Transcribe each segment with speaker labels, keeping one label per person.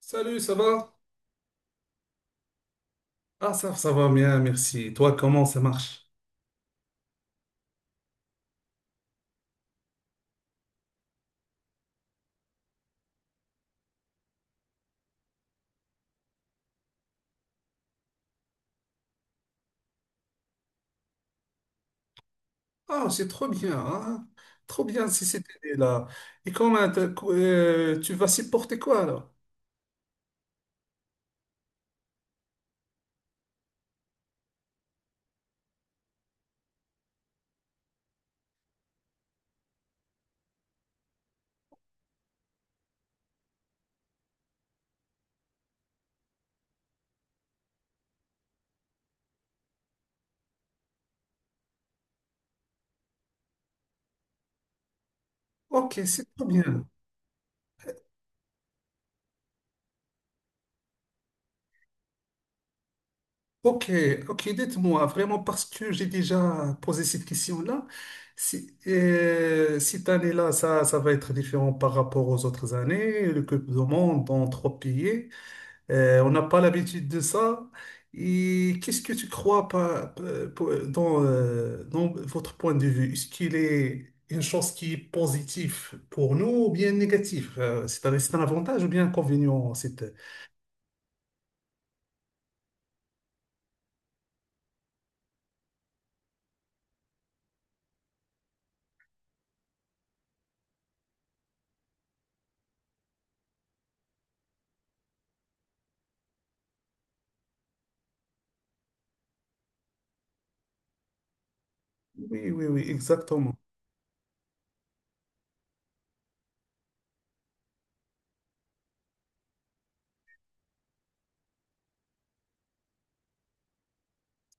Speaker 1: Salut, ça va? Ah, ça va bien, merci. Toi, comment ça marche? Ah, c'est trop bien, hein? Trop bien si c'était là. Et comment tu vas supporter quoi alors? Ok, c'est trop bien. Ok, ok, dites-moi vraiment parce que j'ai déjà posé cette question-là. Si, cette année-là, ça va être différent par rapport aux autres années. Le Coupe du Monde dans trois pays. On n'a pas l'habitude de ça. Et qu'est-ce que tu crois dans votre point de vue? Est-ce qu'il est une chose qui est positive pour nous ou bien négative? C'est un avantage ou bien un inconvénient? Oui, oui, oui, exactement.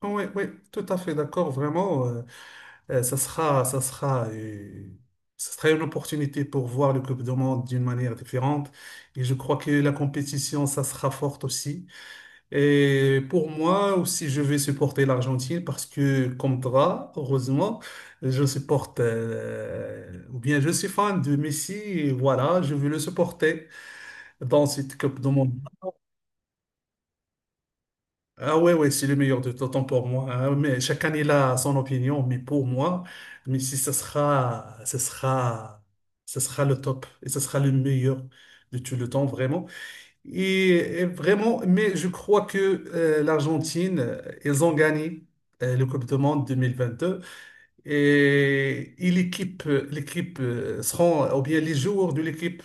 Speaker 1: Ah oui, oui, tout à fait d'accord, vraiment. Ça sera, ça sera, ça sera une opportunité pour voir le Coupe du Monde d'une manière différente. Et je crois que la compétition, ça sera forte aussi. Et pour moi aussi, je vais supporter l'Argentine parce que, comme toi, heureusement, je supporte, ou bien je suis fan de Messi et voilà, je vais le supporter dans cette Coupe du Monde. Ah ouais, ouais, c'est le meilleur de tout temps pour moi, hein. Mais chacun il a son opinion, mais pour moi, Messi, ce sera le top et ce sera le meilleur de tout le temps, vraiment. Et vraiment, mais je crois que l'Argentine, ils ont gagné le Coupe du Monde 2022 et l'équipe seront, ou bien les joueurs de l'équipe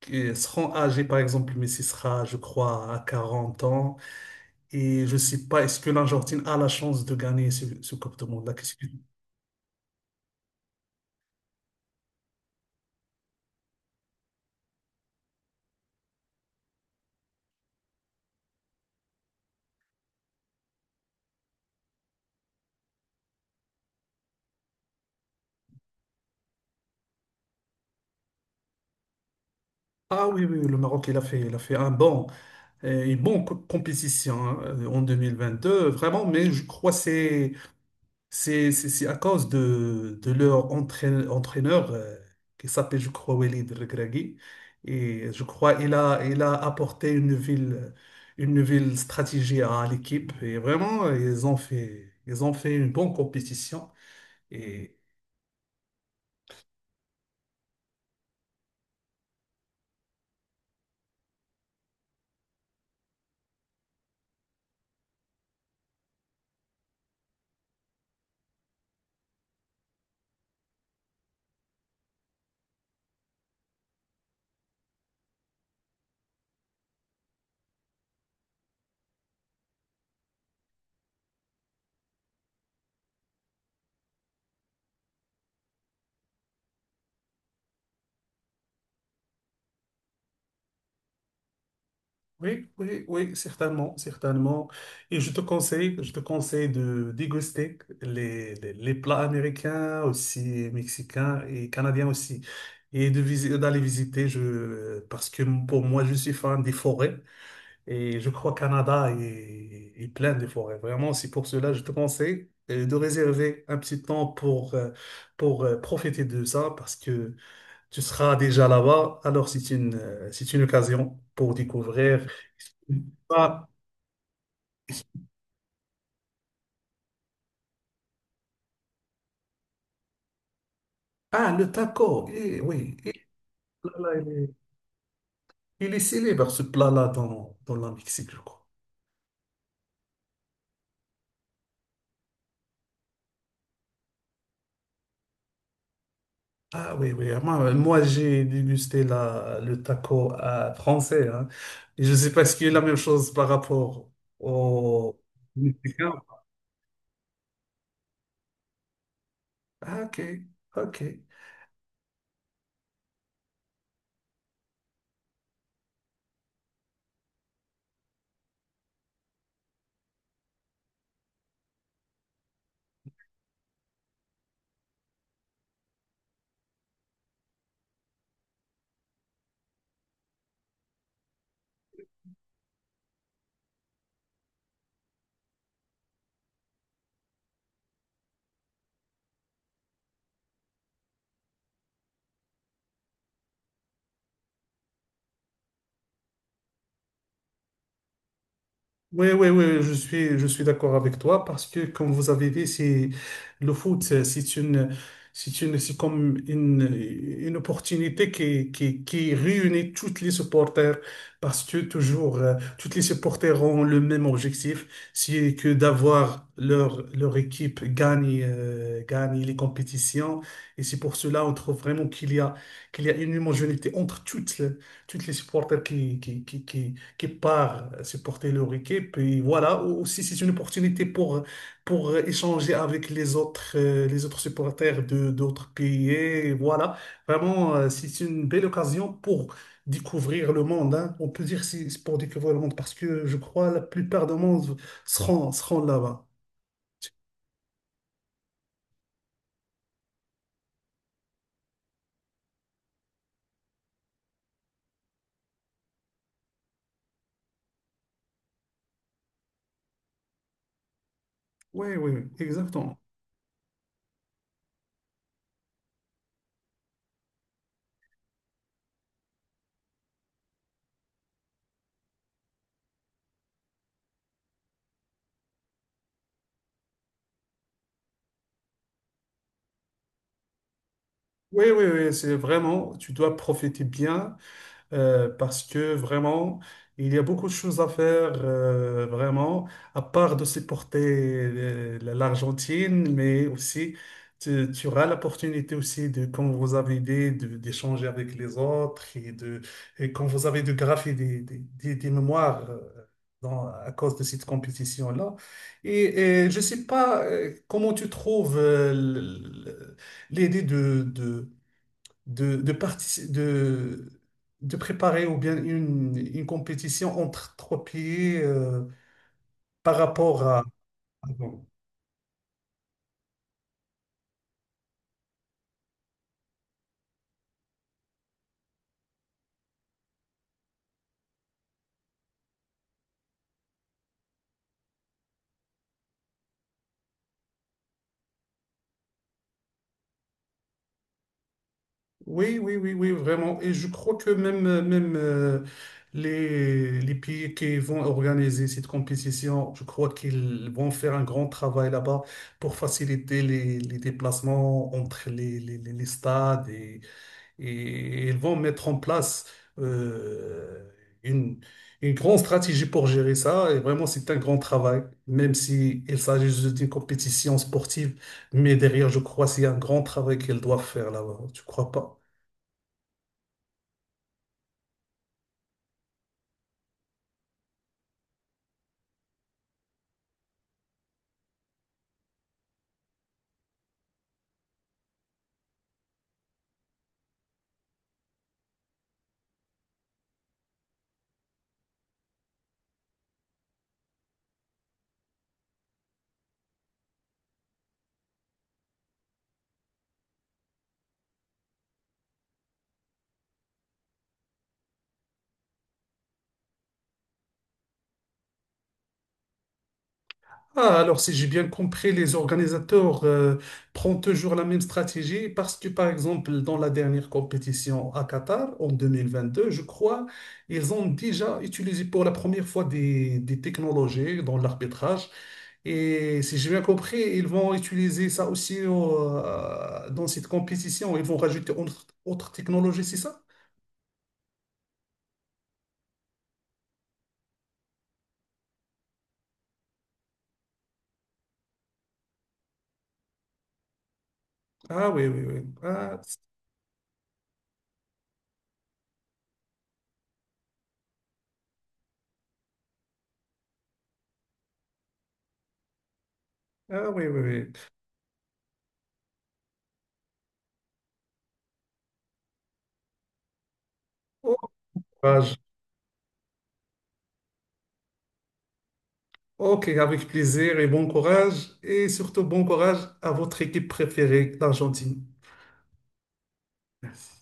Speaker 1: qui seront âgés, par exemple, Messi sera, je crois, à 40 ans et je ne sais pas, est-ce que l'Argentine a la chance de gagner ce Coupe du Monde-là? Ah oui, oui, oui, le Maroc, il a fait un bon, une bonne compétition, hein, en 2022, vraiment, mais je crois que c'est c'est à cause de leur entraîneur, qui s'appelle, je crois, Walid Regragui. Et je crois il a apporté une nouvelle stratégie à l'équipe. Et vraiment, ils ont fait une bonne compétition. Oui, oui, oui, certainement, certainement. Et je te conseille de déguster les plats américains aussi, mexicains et canadiens aussi. Et d'aller visiter, parce que pour moi, je suis fan des forêts et je crois Canada est plein de forêts. Vraiment, c'est pour cela, je te conseille, de réserver un petit temps pour profiter de ça parce que tu seras déjà là-bas. Alors, c'est une occasion pour découvrir. Ah, ah, le taco. Eh, oui, eh, là, là, il est célèbre, ce plat-là, dans la Mexique, je crois. Ah oui, oui. Ah, moi, moi, j'ai dégusté la, le taco, français, hein. Et je ne sais pas ce qu'il y a la même chose par rapport au Mexicain. Ah, ok, ok. Oui, oui, oui, je suis d'accord avec toi parce que, comme vous avez dit, c'est, le foot, c'est c'est comme une une opportunité qui réunit toutes les supporters parce que toujours, toutes les supporters ont le même objectif, c'est que d'avoir leur équipe gagne, gagne les compétitions. Et c'est pour cela, on trouve vraiment qu'il y a une homogénéité entre toutes les supporters qui part supporter le équipe. Puis voilà, aussi c'est une opportunité pour échanger avec les autres supporters de d'autres pays. Et voilà, vraiment, c'est une belle occasion pour découvrir le monde, hein. On peut dire si c'est pour découvrir le monde parce que je crois la plupart du monde seront là-bas. Oui, oui, oui, exactement. Oui, oui, oui, c'est vraiment, tu dois profiter bien. Parce que vraiment, il y a beaucoup de choses à faire, vraiment, à part de supporter, l'Argentine, mais aussi, tu auras l'opportunité aussi de, comme vous avez dit, d'échanger avec les autres et de, et comme vous avez de graffer des mémoires, à cause de cette compétition-là. Et, et je ne sais pas, comment tu trouves, l- l'idée de de de préparer ou bien une compétition entre trois pays, par rapport à avant. Oui, oui, oui, oui, vraiment. Et je crois que même les pays qui vont organiser cette compétition, je crois qu'ils vont faire un grand travail là-bas pour faciliter les déplacements entre les stades et ils vont mettre en place euh, une, une grande stratégie pour gérer ça. Et vraiment, c'est un grand travail, même si il s'agit juste d'une compétition sportive. Mais derrière, je crois c'est un grand travail qu'ils doivent faire là-bas. Tu crois pas? Ah, alors si j'ai bien compris, les organisateurs, prennent toujours la même stratégie parce que, par exemple, dans la dernière compétition à Qatar, en 2022, je crois, ils ont déjà utilisé pour la première fois des technologies dans l'arbitrage. Et si j'ai bien compris, ils vont utiliser ça aussi, dans cette compétition. Ils vont rajouter autre technologie, c'est ça? Ah oui, oui, oui. Ah, ah oui, oui, oui. Bon courage. Ok, avec plaisir et bon courage. Et surtout, bon courage à votre équipe préférée, l'Argentine. Merci.